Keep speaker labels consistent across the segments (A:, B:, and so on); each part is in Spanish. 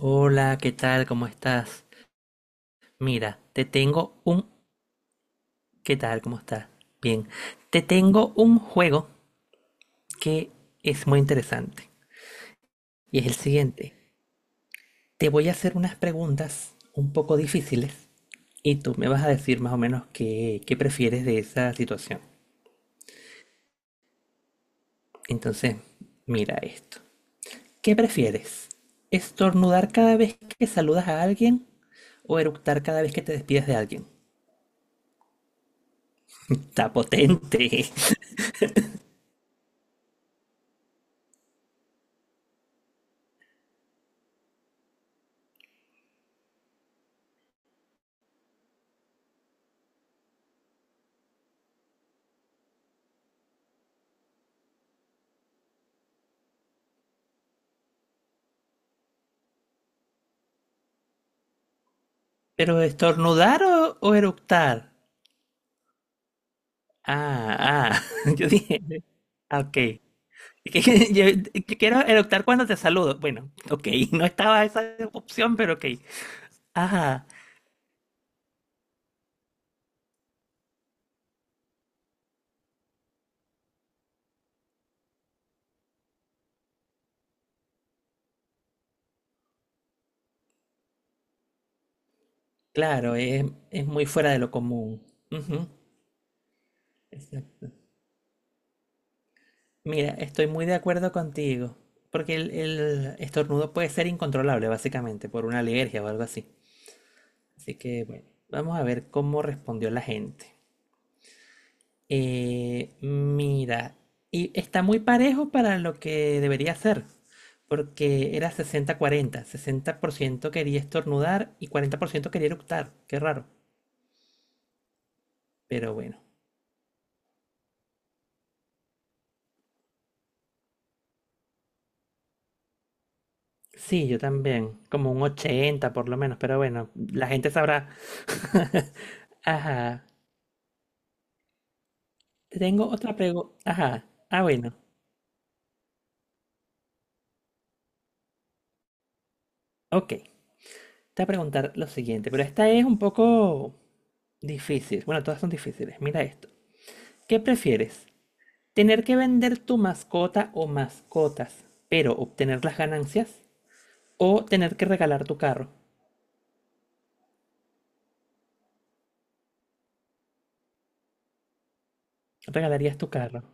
A: Hola, ¿qué tal? ¿Cómo estás? Mira, ¿Qué tal? ¿Cómo estás? Bien. Te tengo un juego que es muy interesante. Y es el siguiente. Te voy a hacer unas preguntas un poco difíciles y tú me vas a decir más o menos qué prefieres de esa situación. Entonces, mira esto. ¿Qué prefieres? ¿Estornudar cada vez que saludas a alguien o eructar cada vez que te despides de alguien? Está potente. ¿Pero estornudar o eructar? Ah, ah, yo dije, ah, ok. Que Yo quiero eructar cuando te saludo. Bueno, ok, no estaba esa opción, pero ok. Ah, claro, es muy fuera de lo común. Ujú, exacto. Mira, estoy muy de acuerdo contigo, porque el estornudo puede ser incontrolable, básicamente, por una alergia o algo así. Así que, bueno, vamos a ver cómo respondió la gente. Mira, y está muy parejo para lo que debería ser, porque era 60-40, 60% quería estornudar y 40% quería eructar, qué raro, pero bueno. Sí, yo también, como un 80 por lo menos, pero bueno, la gente sabrá. Ajá. Te Tengo otra pregunta. Ajá. Ah, bueno. Ok. Te voy a preguntar lo siguiente, pero esta es un poco difícil. Bueno, todas son difíciles. Mira esto. ¿Qué prefieres? Tener que vender tu mascota o mascotas, pero obtener las ganancias. O tener que regalar tu carro. ¿Regalarías tu carro?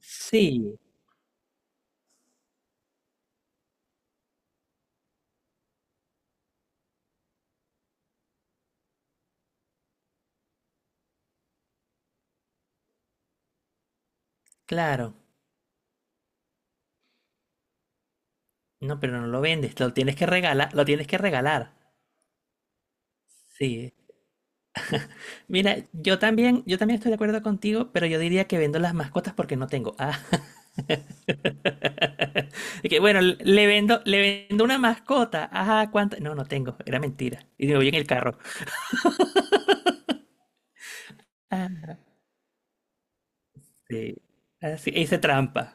A: Sí, claro. No, pero no lo vendes, lo tienes que regalar, lo tienes que regalar. Sí. Mira, yo también estoy de acuerdo contigo, pero yo diría que vendo las mascotas porque no tengo. Ah, y que bueno, le vendo una mascota. Ajá, ¿cuánto? No, no tengo, era mentira. Y digo, voy en el carro. Ah, sí. Así, hice trampa.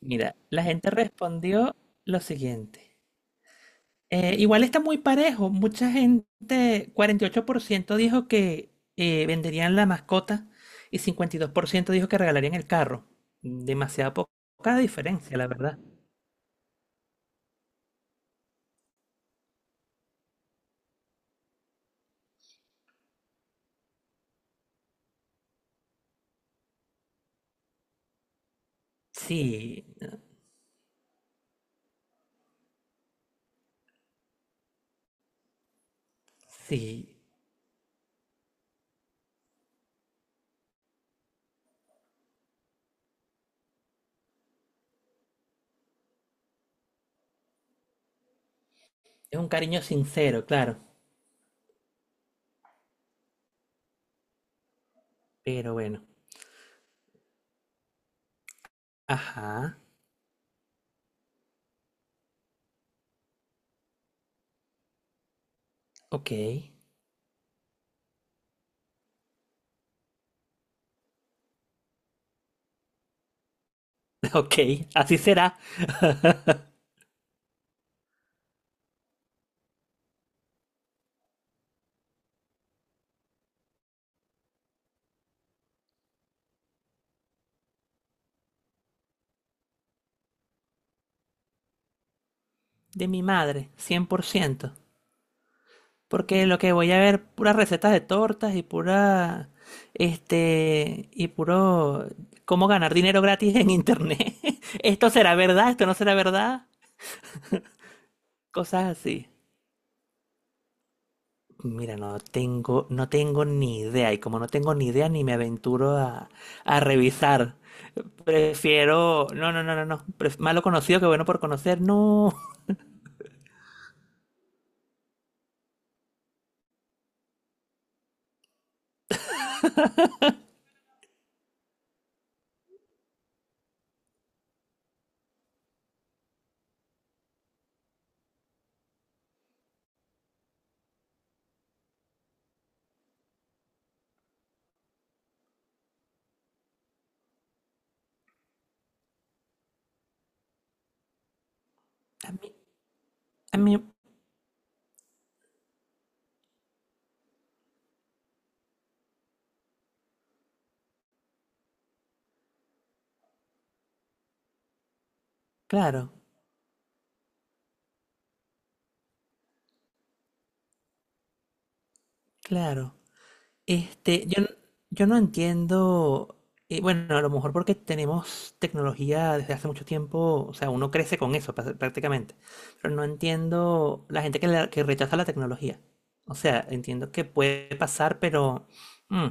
A: Mira, la gente respondió lo siguiente. Igual está muy parejo. Mucha gente, 48% dijo que venderían la mascota y 52% dijo que regalarían el carro. Demasiada poca diferencia, la verdad. Sí, sí. Es un cariño sincero, claro. Pero bueno. Ajá, ok. Ok, así será. De mi madre, 100%. Porque lo que voy a ver, puras recetas de tortas y pura, y puro, cómo ganar dinero gratis en internet. Esto será verdad, esto no será verdad, cosas así. Mira, no tengo, no tengo ni idea y como no tengo ni idea ni me aventuro a revisar. Prefiero, no, no, no, no, no, malo conocido que bueno por conocer. No, a mí, a mí, claro, claro. Este, yo, n- yo no entiendo, bueno, a lo mejor porque tenemos tecnología desde hace mucho tiempo, o sea, uno crece con eso prácticamente, pero no entiendo la gente que, que rechaza la tecnología. O sea, entiendo que puede pasar, pero mm,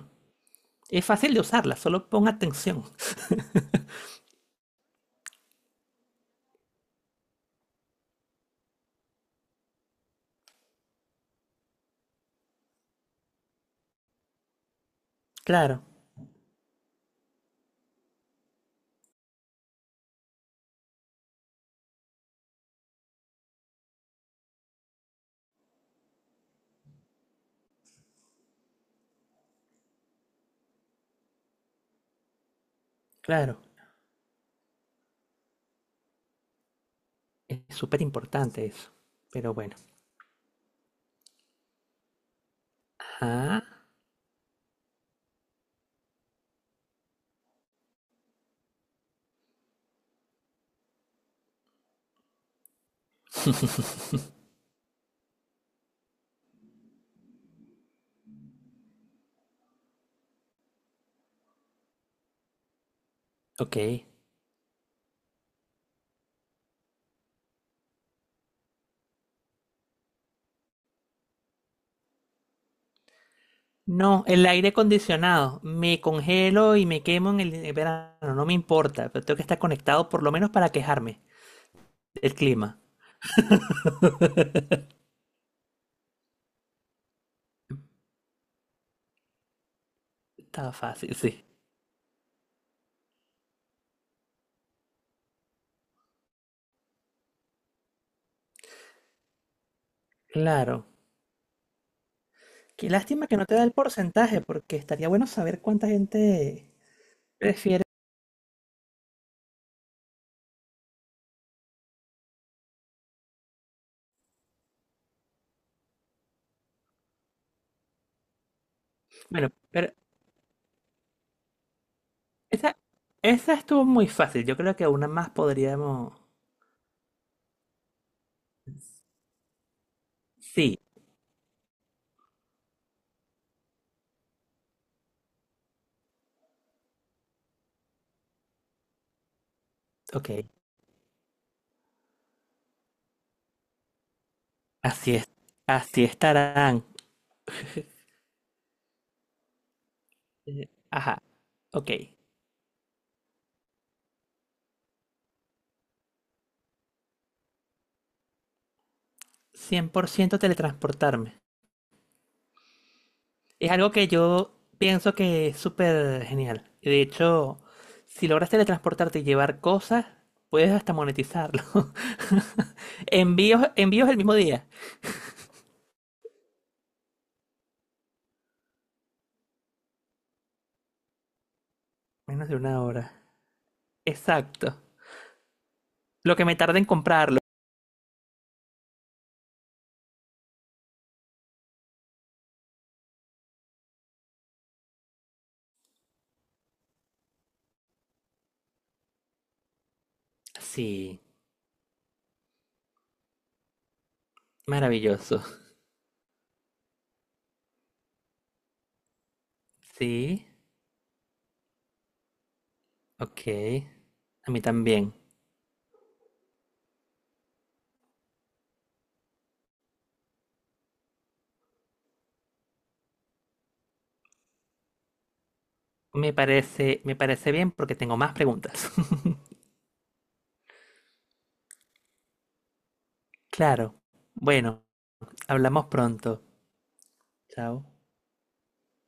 A: es fácil de usarla, solo pon atención. Claro, claro, es súper importante eso, pero bueno. Ah, ok. No, el aire acondicionado. Me congelo y me quemo en el en verano. No me importa, pero tengo que estar conectado por lo menos para quejarme del clima. Estaba fácil, sí. Claro. Qué lástima que no te da el porcentaje, porque estaría bueno saber cuánta gente prefiere. Bueno, pero esa, esa estuvo muy fácil. Yo creo que una más podríamos. Sí, ok. Así es. Así estarán. Ajá. Ok. 100% teletransportarme. Es algo que yo pienso que es súper genial. Y de hecho, si logras teletransportarte y llevar cosas, puedes hasta monetizarlo. Envíos, envíos el mismo día. Menos de una hora. Exacto. Lo que me tarda en comprarlo. Sí, maravilloso. Sí, ok. A mí también. Me parece bien porque tengo más preguntas. Claro. Bueno, hablamos pronto. Chao.